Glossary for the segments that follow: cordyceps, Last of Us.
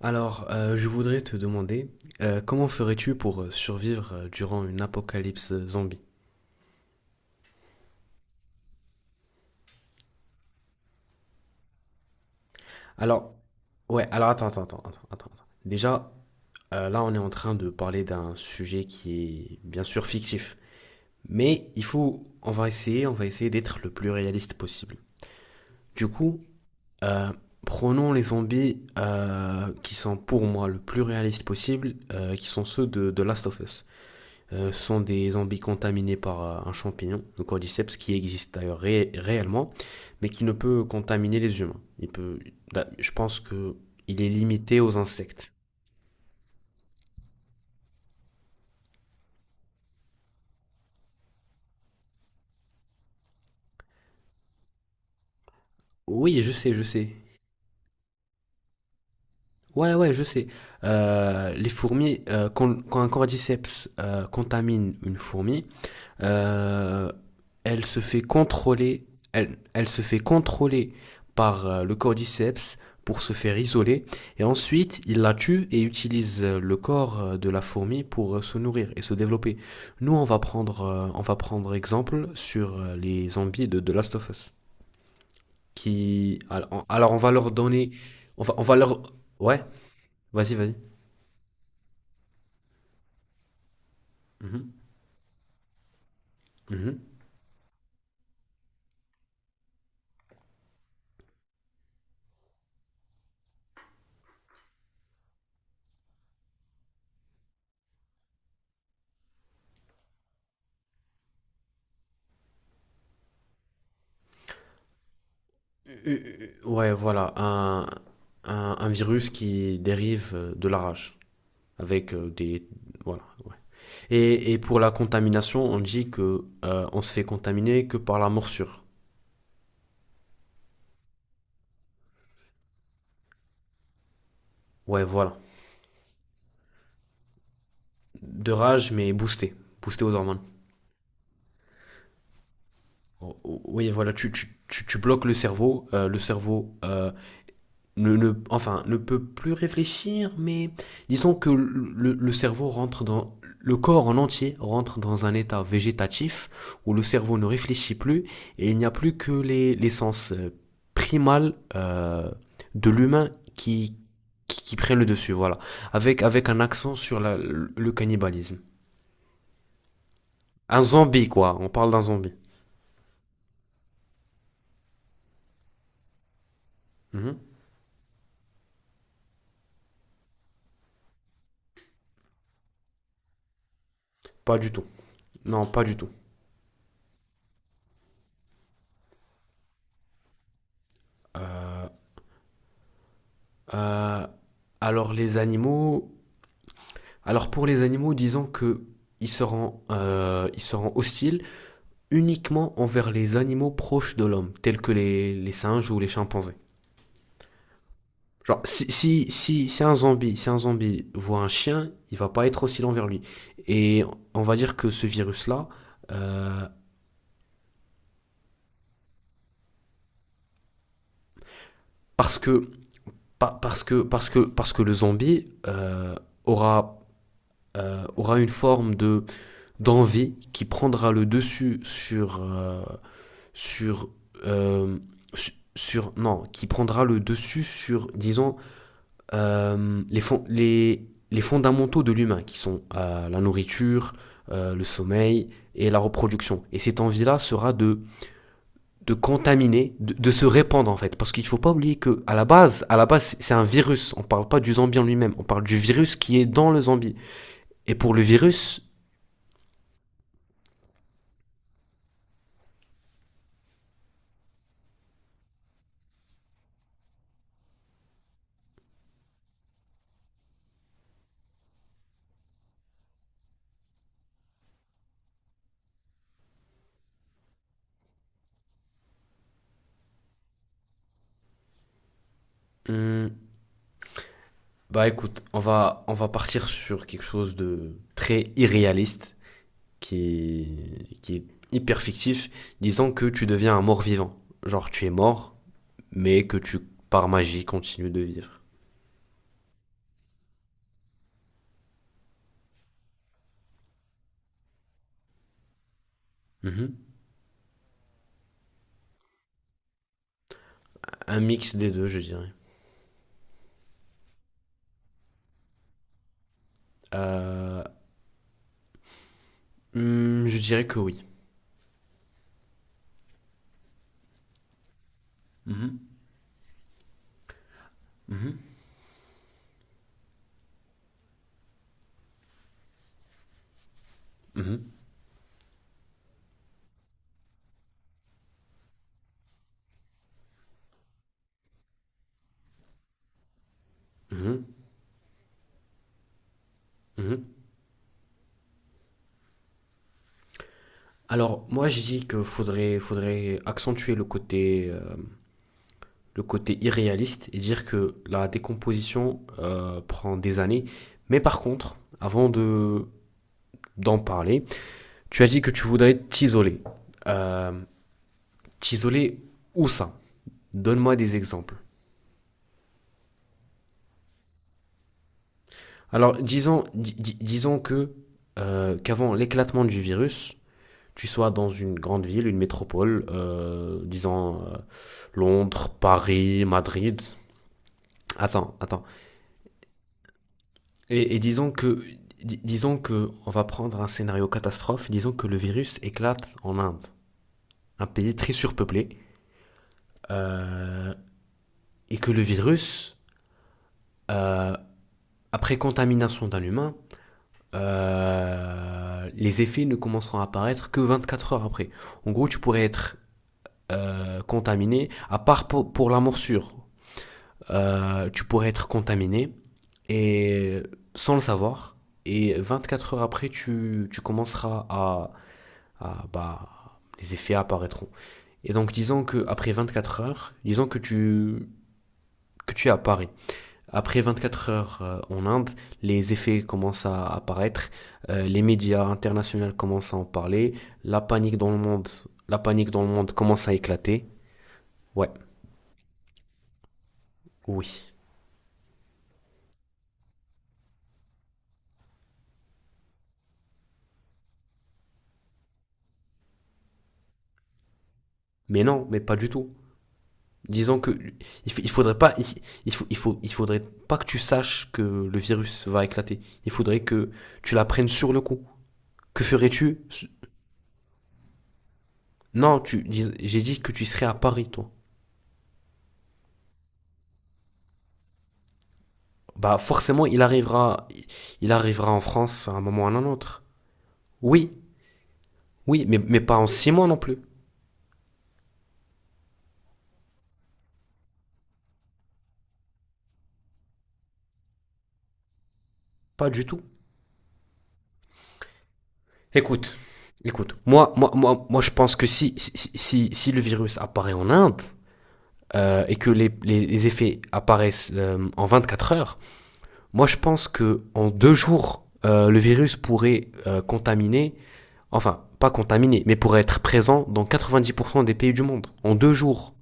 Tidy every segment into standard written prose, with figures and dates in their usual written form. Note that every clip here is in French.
Alors, je voudrais te demander, comment ferais-tu pour survivre durant une apocalypse zombie? Alors, ouais, alors attends, attends, attends, attends, attends, attends. Déjà, là, on est en train de parler d'un sujet qui est bien sûr fictif. Mais on va essayer d'être le plus réaliste possible. Du coup, euh, prenons les zombies qui sont pour moi le plus réaliste possible, qui sont ceux de Last of Us. Sont des zombies contaminés par un champignon, le cordyceps, qui existe d'ailleurs réellement, mais qui ne peut contaminer les humains. Il peut, bah, je pense que il est limité aux insectes. Oui, je sais, je sais. Ouais, ouais, je sais. Les fourmis, quand un cordyceps contamine une fourmi. Euh, Elle se fait contrôler, elle se fait contrôler par le cordyceps pour se faire isoler. Et ensuite, il la tue et utilise le corps de la fourmi pour se nourrir et se développer. Nous, on va prendre exemple sur les zombies de The Last of Us. Qui, alors, va leur donner, on va, on va leur, ouais, vas-y, vas-y. Mhm. Mhm. Ouais, voilà, un virus qui dérive de la rage. Avec des. Voilà. Ouais. Et pour la contamination, on dit que on se fait contaminer que par la morsure. Ouais, voilà. De rage, mais boosté, boosté aux hormones. Oh, oh, oui, voilà, tu bloques le cerveau, enfin, ne peut plus réfléchir, mais disons que le cerveau le corps en entier rentre dans un état végétatif où le cerveau ne réfléchit plus et il n'y a plus que les sens primals de l'humain qui prennent le dessus, voilà. Avec un accent sur le cannibalisme. Un zombie, quoi. On parle d'un zombie. Mhm. Pas du tout. Non, pas du tout. Euh, euh, alors les animaux, Alors pour les animaux, disons que il se rend hostile uniquement envers les animaux proches de l'homme, tels que les singes ou les chimpanzés. Genre, si un zombie voit un chien, il va pas être hostile envers lui. Et on va dire que ce virus-là, euh, parce que parce que le zombie aura aura une forme de d'envie qui prendra le dessus sur, euh, sur non, qui prendra le dessus sur, disons, les fondamentaux de l'humain, qui sont la nourriture, le sommeil et la reproduction. Et cette envie-là sera de contaminer, de se répandre en fait, parce qu'il ne faut pas oublier que à la base, un virus. On ne parle pas du zombie en lui-même, on parle du virus qui est dans le zombie. Et pour le virus, hum, bah écoute, on va partir sur quelque chose de très irréaliste. Qui est hyper fictif, disant que tu deviens un mort-vivant. Genre, tu es mort, mais que tu, par magie, continues de vivre. Mhm. Un mix des deux, je dirais. Euh, je dirais que oui. Mhm. Mhm. Mhm, mhm, mhm. Alors, moi, je dis que faudrait accentuer le côté irréaliste et dire que la décomposition prend des années. Mais par contre, avant de d'en parler, tu as dit que tu voudrais t'isoler. Euh, T'isoler où ça? Donne-moi des exemples. Alors, disons que qu'avant l'éclatement du virus, tu sois dans une grande ville, une métropole, disons Londres, Paris, Madrid. Attends, attends. Et disons que on va prendre un scénario catastrophe. Disons que le virus éclate en Inde, un pays très surpeuplé, euh, et que le virus euh, Après contamination d'un humain, les effets ne commenceront à apparaître que 24 heures après. En gros, tu pourrais être contaminé, à part pour la morsure, tu pourrais être contaminé et sans le savoir. Et 24 heures après, tu commenceras bah, les effets apparaîtront. Et donc, disons que après 24 heures, disons que tu es à Paris. Après 24 heures en Inde, les effets commencent à apparaître, les médias internationaux commencent à en parler, la panique dans le monde, la panique dans le monde commence à éclater. Ouais, oui. Mais non, mais pas du tout. Disons que il faudrait pas il faut il faudrait pas que tu saches que le virus va éclater. Il faudrait que tu l'apprennes sur le coup. Que ferais-tu? Non, j'ai dit que tu serais à Paris toi. Bah forcément, il arrivera en France à un moment ou à un autre. Oui, oui, mais pas en 6 mois non plus. Pas du tout. Écoute, écoute, moi je pense que si le virus apparaît en Inde et que les effets apparaissent en 4 heures, moi je pense que en 2 jours, le virus pourrait contaminer, enfin, pas contaminer, mais pourrait être présent dans 90% des pays du monde. En 2 jours.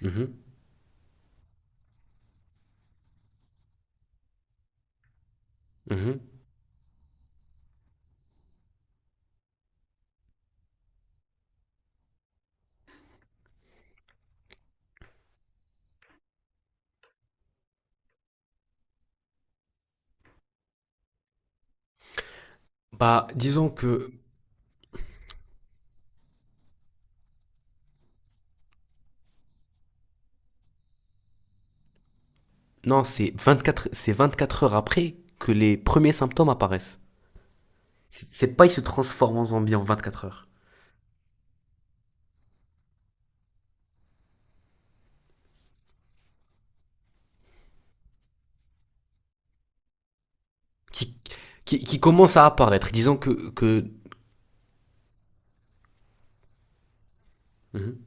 Mhm, mhm. Bah, disons que non, c'est vingt-quatre heures après que les premiers symptômes apparaissent. C'est pas il se transforme en zombie en 24 heures. qui, qui commence à apparaître. Disons que. Mhm,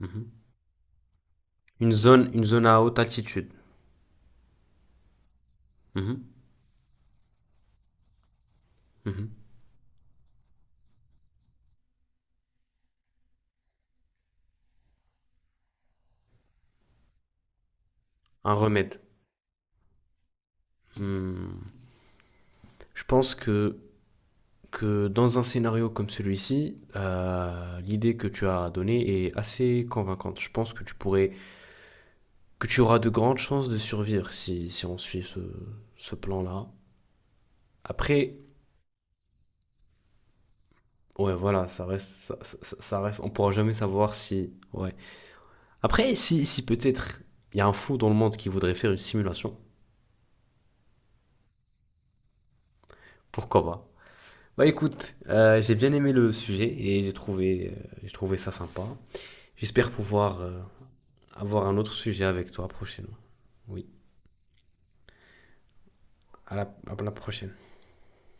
mhm. Une zone à haute altitude. Mhm, mhm. Un remède. hmm, je pense que dans un scénario comme celui-ci, l'idée que tu as donnée est assez convaincante. Je pense que que tu auras de grandes chances de survivre si on suit ce plan-là. Après, ouais, voilà, ça reste, on pourra jamais savoir si, ouais. Après, si peut-être il y a un fou dans le monde qui voudrait faire une simulation, pourquoi pas. Bah écoute, j'ai bien aimé le sujet et j'ai trouvé ça sympa. J'espère pouvoir avoir un autre sujet avec toi prochainement. Oui, à la prochaine.